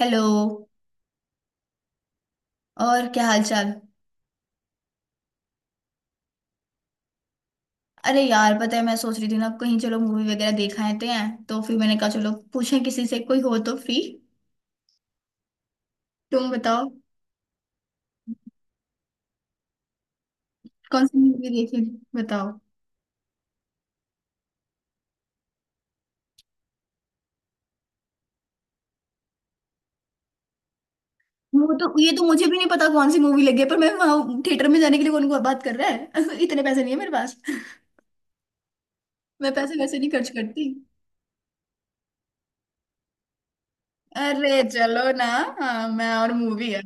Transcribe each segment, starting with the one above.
Hello. और क्या हाल चाल। अरे यार पता है मैं सोच रही थी ना कहीं चलो मूवी वगैरह देखा आते हैं। तो फिर मैंने कहा चलो पूछें किसी से कोई हो तो फ्री। तुम बताओ। कौन सी मूवी देखे, बताओ। वो तो, ये तो मुझे भी नहीं पता कौन सी मूवी लगी है, पर मैं वहां थिएटर में जाने के लिए कौन को बात कर रहा है इतने पैसे नहीं है मेरे पास। मैं पैसे वैसे नहीं खर्च करती। अरे चलो ना। हाँ, मैं और मूवी है।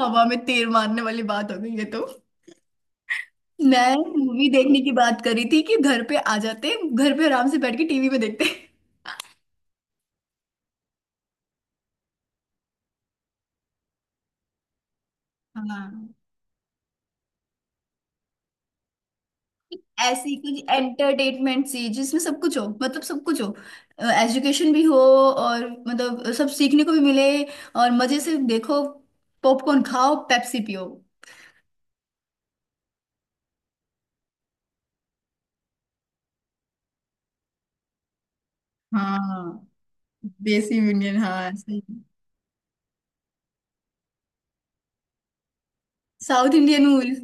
हवा में तीर मारने वाली बात हो गई ये तो। मैं मूवी देखने की बात करी थी कि घर पे आ जाते, घर पे आराम से बैठ के टीवी में देखते। हाँ, ऐसी कुछ एंटरटेनमेंट सी जिसमें सब कुछ हो, मतलब सब कुछ हो। एजुकेशन भी हो। और मतलब सब सीखने को भी मिले। और मजे से देखो। पॉपकॉर्न खाओ, पेप्सी पियो। हाँ, देसी यूनियन, हाँ ऐसे ही। South Indian movies.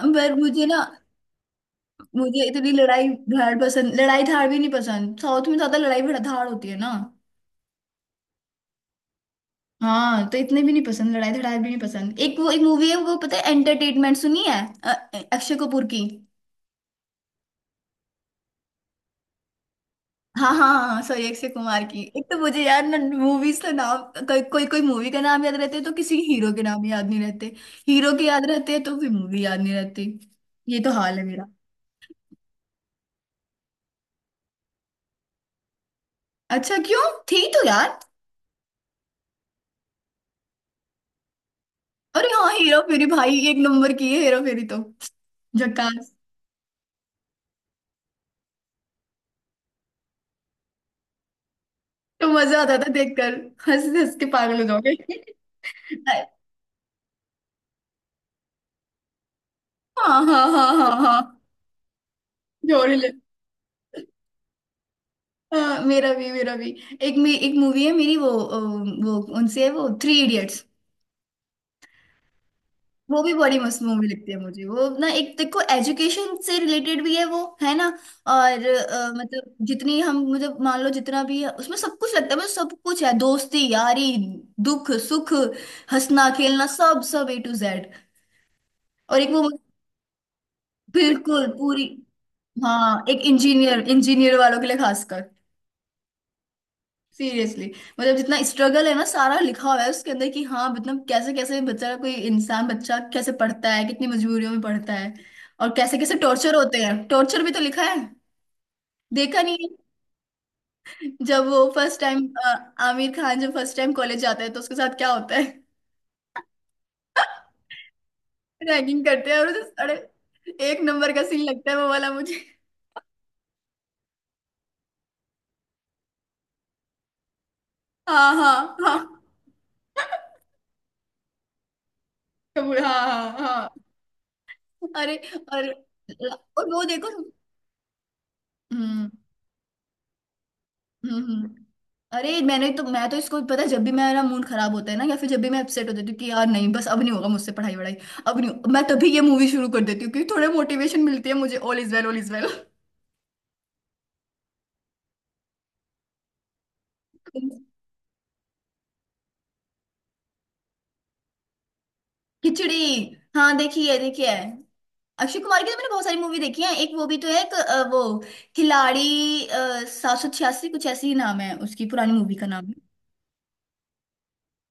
पर मुझे ना, मुझे इतनी लड़ाई धाड़ पसंद, लड़ाई धाड़ भी नहीं पसंद, साउथ में ज्यादा लड़ाई धाड़ होती है ना। हाँ तो इतने भी नहीं पसंद, लड़ाई धड़ाई भी नहीं पसंद। एक वो एक मूवी है, वो पता है एंटरटेनमेंट सुनी है। अक्षय कपूर की। हाँ हाँ हाँ, सॉरी अक्षय कुमार की। एक तो मुझे यार ना मूवीज का नाम कोई कोई कोई मूवी का नाम याद रहते हैं, तो किसी हीरो के नाम याद नहीं रहते। हीरो के याद रहते हैं तो फिर मूवी याद नहीं रहती। ये तो हाल है मेरा। अच्छा क्यों, थी तो यार। अरे हाँ, हीरो फेरी भाई एक नंबर की है, हेरा फेरी तो झकास। तो मजा आता था देखकर, हंस हंस के पागल हो जाओगे। हाँ हाँ हाँ हाँ हाँ। जोड़ी। हाँ, मेरा भी मेरा भी। एक मूवी है मेरी वो, वो कौन सी है, वो थ्री इडियट्स। वो भी बड़ी मस्त मूवी लगती है मुझे, वो ना, एक देखो एजुकेशन से रिलेटेड भी है वो, है ना। और मतलब जितनी हम, मतलब मान लो जितना भी है उसमें सब कुछ लगता है, मतलब सब कुछ है, दोस्ती यारी, दुख सुख, हंसना खेलना, सब सब ए टू जेड। और एक वो। बिल्कुल पूरी। हाँ, एक इंजीनियर इंजीनियर वालों के लिए खासकर। सीरियसली। मतलब जितना स्ट्रगल है ना सारा लिखा हुआ है उसके अंदर, कि हाँ मतलब कैसे कैसे बच्चा, कोई इंसान बच्चा कैसे पढ़ता है, कितनी मजबूरियों में पढ़ता है। और कैसे कैसे टॉर्चर होते हैं, टॉर्चर भी तो लिखा है, देखा नहीं। है जब वो फर्स्ट टाइम, आमिर खान जब फर्स्ट टाइम कॉलेज जाता है तो उसके साथ क्या होता है। रैगिंग करते हैं और उसे अरे, एक नंबर का सीन लगता है वो वाला मुझे। हाँ हाँ हाँ। हाँ हाँ हाँ। अरे। और और वो देखो। हम्म हम्म हम्म। अरे मैं तो इसको, पता है जब भी मेरा मूड खराब होता है ना, या फिर जब भी मैं अपसेट हो जाती हूँ कि यार नहीं, बस अब नहीं होगा मुझसे पढ़ाई वढ़ाई, अब नहीं हो- मैं तभी ये मूवी शुरू कर देती हूँ क्योंकि थोड़े मोटिवेशन मिलती है मुझे, all is well, all is well. खिचड़ी। हाँ देखी है, देखी है। अक्षय कुमार की तो मैंने बहुत सारी मूवी देखी है। एक वो भी तो है, वो खिलाड़ी 786, कुछ ऐसी ही नाम है उसकी पुरानी मूवी का नाम।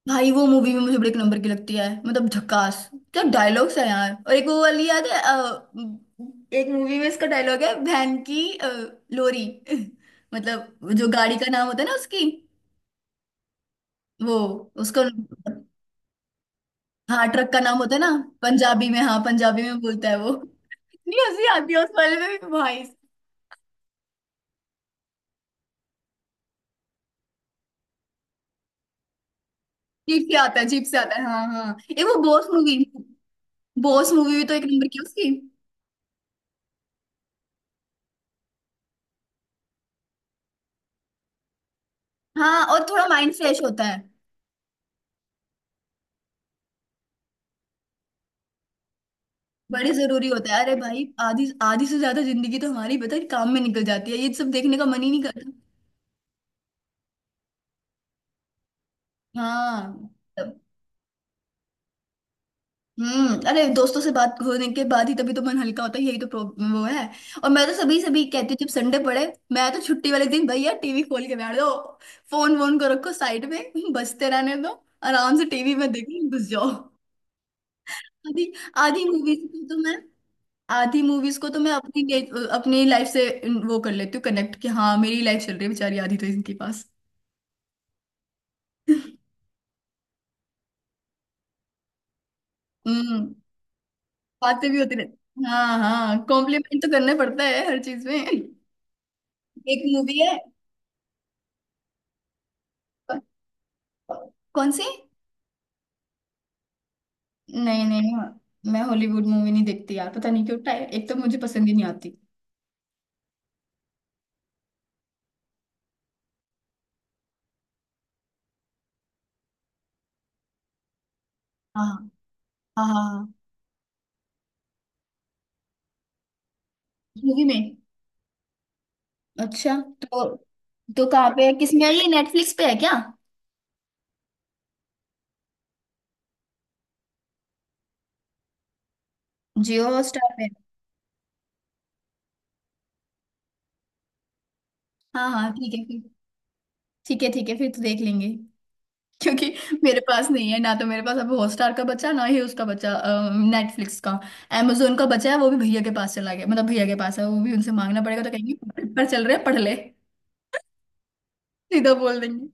भाई वो मूवी भी मुझे बड़े एक नंबर की लगती है, मतलब झकास। क्या डायलॉग्स है यार। और एक वो वाली याद है, एक मूवी में इसका डायलॉग है, वैन की लोरी मतलब जो गाड़ी का नाम होता है ना उसकी। वो, उसका, हाँ ट्रक का नाम होता है ना, पंजाबी में, हाँ पंजाबी में बोलता है वो। इतनी हंसी आती है उस वाले में भी भाई। जीप से आता है, जीप से आता है, हाँ हाँ, एक वो बॉस मूवी, बॉस मूवी भी तो एक नंबर की है उसकी। हाँ, और थोड़ा माइंड फ्रेश होता है, बड़े जरूरी होता है। अरे भाई आधी, आधी से ज्यादा जिंदगी तो हमारी पता है काम में निकल जाती है, ये सब देखने का मन ही नहीं करता। हाँ। तब- हम्म, अरे दोस्तों से बात होने के बाद ही तभी तो मन हल्का होता है, यही तो प्रॉब्लम वो है। और मैं तो सभी सभी कहती हूँ जब संडे पड़े, मैं तो छुट्टी वाले दिन भैया टीवी खोल के बैठ दो, फोन वोन को रखो साइड में बजते रहने दो, आराम से टीवी में देखो, घुस जाओ। आधी, आधी मूवीज तो मैं, आधी मूवीज को तो मैं अपनी लाइफ से वो कर लेती हूँ, कनेक्ट कि हाँ मेरी लाइफ चल रही है बेचारी, आधी तो इनके पास। हम्म। बातें भी होती रहती, हाँ हाँ, कॉम्प्लीमेंट तो करना पड़ता है हर चीज में। एक मूवी है, कौन सी। नहीं नहीं नहीं, मैं हॉलीवुड मूवी नहीं देखती यार, पता नहीं क्यों, एक तो मुझे पसंद ही नहीं आती। हाँ हाँ हाँ। मूवी में, अच्छा। तो तो कहाँ पे है, किसमें है, ये नेटफ्लिक्स पे है क्या? जियो हॉटस्टार पे। हाँ हाँ ठीक है फिर। ठीक है फिर तो देख लेंगे, क्योंकि मेरे पास नहीं है ना, तो मेरे पास अब हॉटस्टार का बचा ना, ही उसका बचा, नेटफ्लिक्स का, amazon का बचा है, वो भी भैया के पास चला गया, मतलब भैया के पास है वो भी, उनसे मांगना पड़ेगा तो कहेंगे पेपर चल रहे हैं पढ़ ले सीधा बोल देंगे।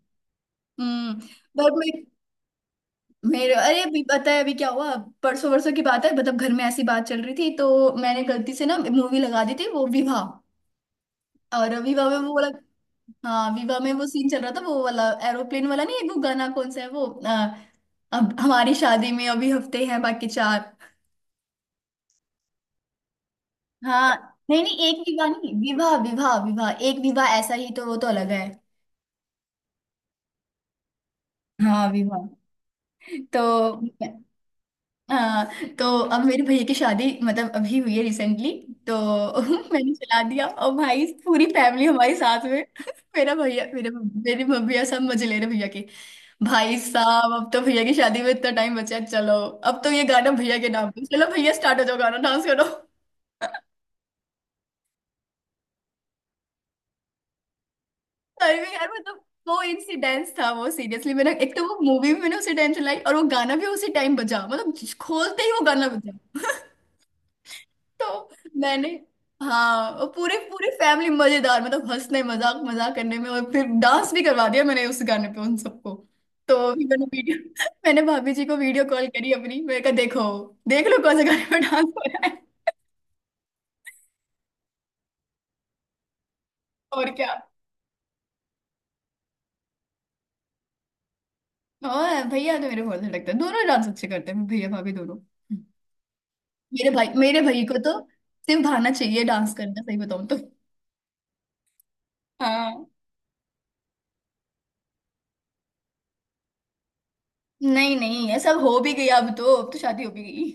हम्म। बट मैं मेरे अरे अभी पता है अभी क्या हुआ। परसों वरसों की बात है, मतलब घर में ऐसी बात चल रही थी, तो मैंने गलती से ना मूवी लगा दी थी वो विवाह। और विवाह में वो वाला, हाँ विवाह में वो सीन चल रहा था, वो वाला एरोप्लेन वाला, नहीं है, वो गाना कौन सा है वो, अब हमारी शादी में अभी हफ्ते हैं बाकी चार। हाँ, नहीं नहीं, एक विवाह नहीं, विवाह विवाह विवाह, एक विवाह ऐसा ही तो, वो तो अलग है। हाँ विवाह। तो, हाँ। तो अब मेरे भैया की शादी मतलब अभी हुई है रिसेंटली। तो मैंने चला दिया और भाई पूरी फैमिली हमारे साथ में मेरा भैया, मेरे मेरे मम्मी और सब मजे ले रहे भैया के, भाई साहब अब तो भैया की शादी में इतना टाइम बचा है, चलो अब तो ये गाना भैया के नाम पे, चलो भैया स्टार्ट हो जाओ, गाना डांस करो। टाइमिंग यार, मतलब वो इंसिडेंस था वो, सीरियसली मैंने, एक तो वो मूवी भी मैंने उसी टाइम चलाई और वो गाना भी उसी टाइम बजा, मतलब खोलते ही वो गाना बजा। तो मैंने, हाँ और पूरे, पूरे फैमिली मजेदार, मतलब हंसने मजाक, मजाक करने में, और फिर डांस भी करवा दिया मैंने उस गाने पे उन सबको। तो फिर मैंने वीडियो मैंने भाभी जी को वीडियो कॉल करी अपनी, मैंने कहा देखो, देख लो कौन से गाने पे डांस हो रहा है। और क्या। और भैया तो मेरे बहुत अच्छा लगता है, दोनों डांस अच्छे करते हैं, भैया भाभी दोनों। मेरे भाई को तो सिर्फ भाना चाहिए डांस करना, सही बताऊं तो। हाँ नहीं नहीं, ये सब हो भी गया अब तो, अब तो शादी हो भी गई।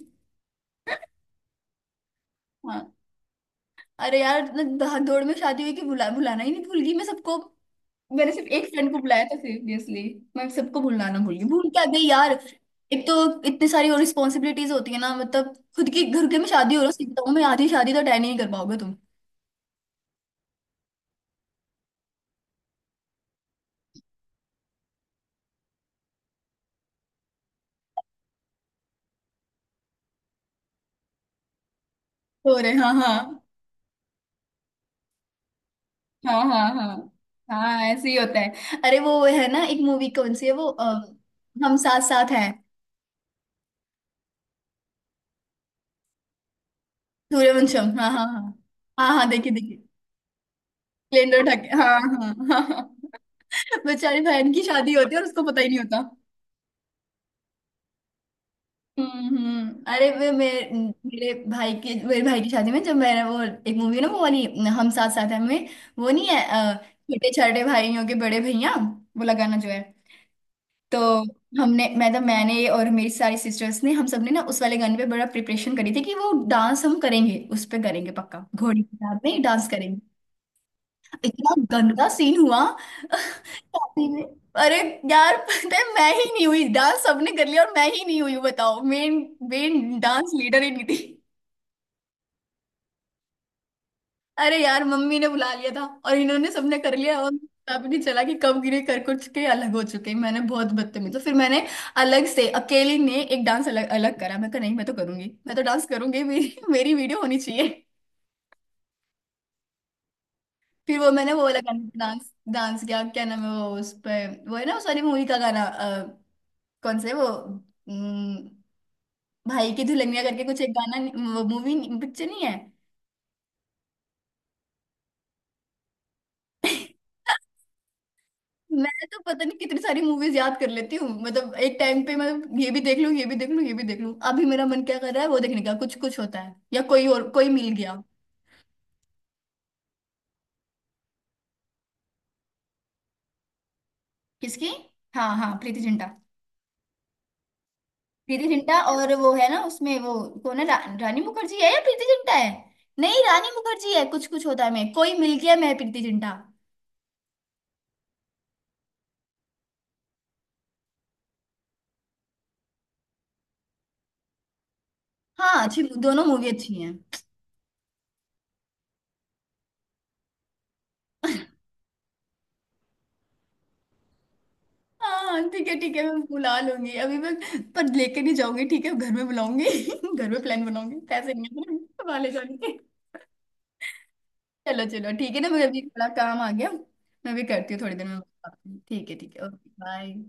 हाँ अरे यार, भाग दौड़ में शादी हुई कि भुला भुलाना ही नहीं, भूल गई मैं सबको। मैंने सिर्फ एक फ्रेंड को बुलाया था सीरियसली। मैं सबको भुलाना भूल गई, भूल क्या गई यार। एक तो इतनी सारी और रिस्पॉन्सिबिलिटीज होती है ना, मतलब खुद के घर के में शादी हो रहा है, सही बताऊं मैं आधी शादी तो अटेंड ही नहीं कर पाओगे तुम, हो रहे, हाँ हाँ हाँ हाँ हाँ हाँ, ऐसे ही होता है। अरे वो है ना एक मूवी कौन सी है वो, हम साथ साथ हैं। सूर्यवंशम, हाँ हाँ हाँ हाँ। हाँ देखिए देखिए। स्प्लेंडर ठाके, हाँ हाँ हाँ हाँ। बेचारे बहन की शादी होती है और उसको पता ही नहीं होता। हम्म। अरे वे मेरे, मेरे भाई के, मेरे भाई की शादी में जब मैंने वो, एक मूवी है ना वो वाली, हम साथ साथ हैं में, वो नहीं है, अ, छोटे छोटे भाइयों के बड़े भैया वो लगाना जो है। तो हमने मतलब मैंने और मेरी सारी सिस्टर्स ने, हम सब ने ना उस वाले गाने पे बड़ा प्रिपरेशन करी थी कि वो डांस हम करेंगे, उस पे करेंगे पक्का घोड़ी की डाल में डांस करेंगे। इतना गंदा सीन हुआ शादी में। अरे यार पता है, मैं ही नहीं हुई, डांस सबने कर लिया और मैं ही नहीं हुई हूँ, बताओ मेन, मेन डांस लीडर ही नहीं थी। अरे यार मम्मी ने बुला लिया था और इन्होंने सबने कर लिया, और पता भी नहीं चला कि कब गिरे कर कुछ के अलग हो चुके, मैंने बहुत बदतमीज। तो फिर मैंने अलग से अकेली ने एक डांस अलग अलग करा, मैं कहा नहीं मैं तो करूंगी, मैं तो डांस करूंगी, मेरी, मेरी वीडियो होनी चाहिए। फिर वो मैंने वो वाला गाना डांस, डांस किया, क्या नाम है वो, उस पर वो है ना उस वाली मूवी का गाना, कौन से वो, भाई की दुल्हनिया करके कुछ एक गाना। वो मूवी पिक्चर नहीं, वो movie नहीं- picture नहीं है। मैं तो पता नहीं कितनी सारी मूवीज याद कर लेती हूँ, मतलब एक टाइम पे मैं ये भी देख लूँ, ये भी देख लूँ, ये भी देख लूँ। अभी मेरा मन क्या कर रहा है वो देखने का, कुछ कुछ होता है या कोई और कोई मिल गया। किसकी, हाँ हाँ प्रीति जिंटा। प्रीति जिंटा और वो है ना उसमें वो कौन है, रानी मुखर्जी है या प्रीति जिंटा है। नहीं रानी मुखर्जी है कुछ कुछ होता है, मैं कोई मिल गया मैं प्रीति जिंटा। हाँ अच्छी, दोनों मूवी अच्छी हैं। हाँ ठीक है मैं बुला लूंगी। अभी मैं पर लेके नहीं जाऊंगी, ठीक है घर में बुलाऊंगी। घर में प्लान बनाऊंगी, पैसे नहीं है वाले जाने के। चलो चलो ठीक है ना, मुझे अभी थोड़ा काम आ गया। मैं भी करती हूँ थोड़ी देर में बात करती हूँ। ठीक है ठीक है, ओके बाय।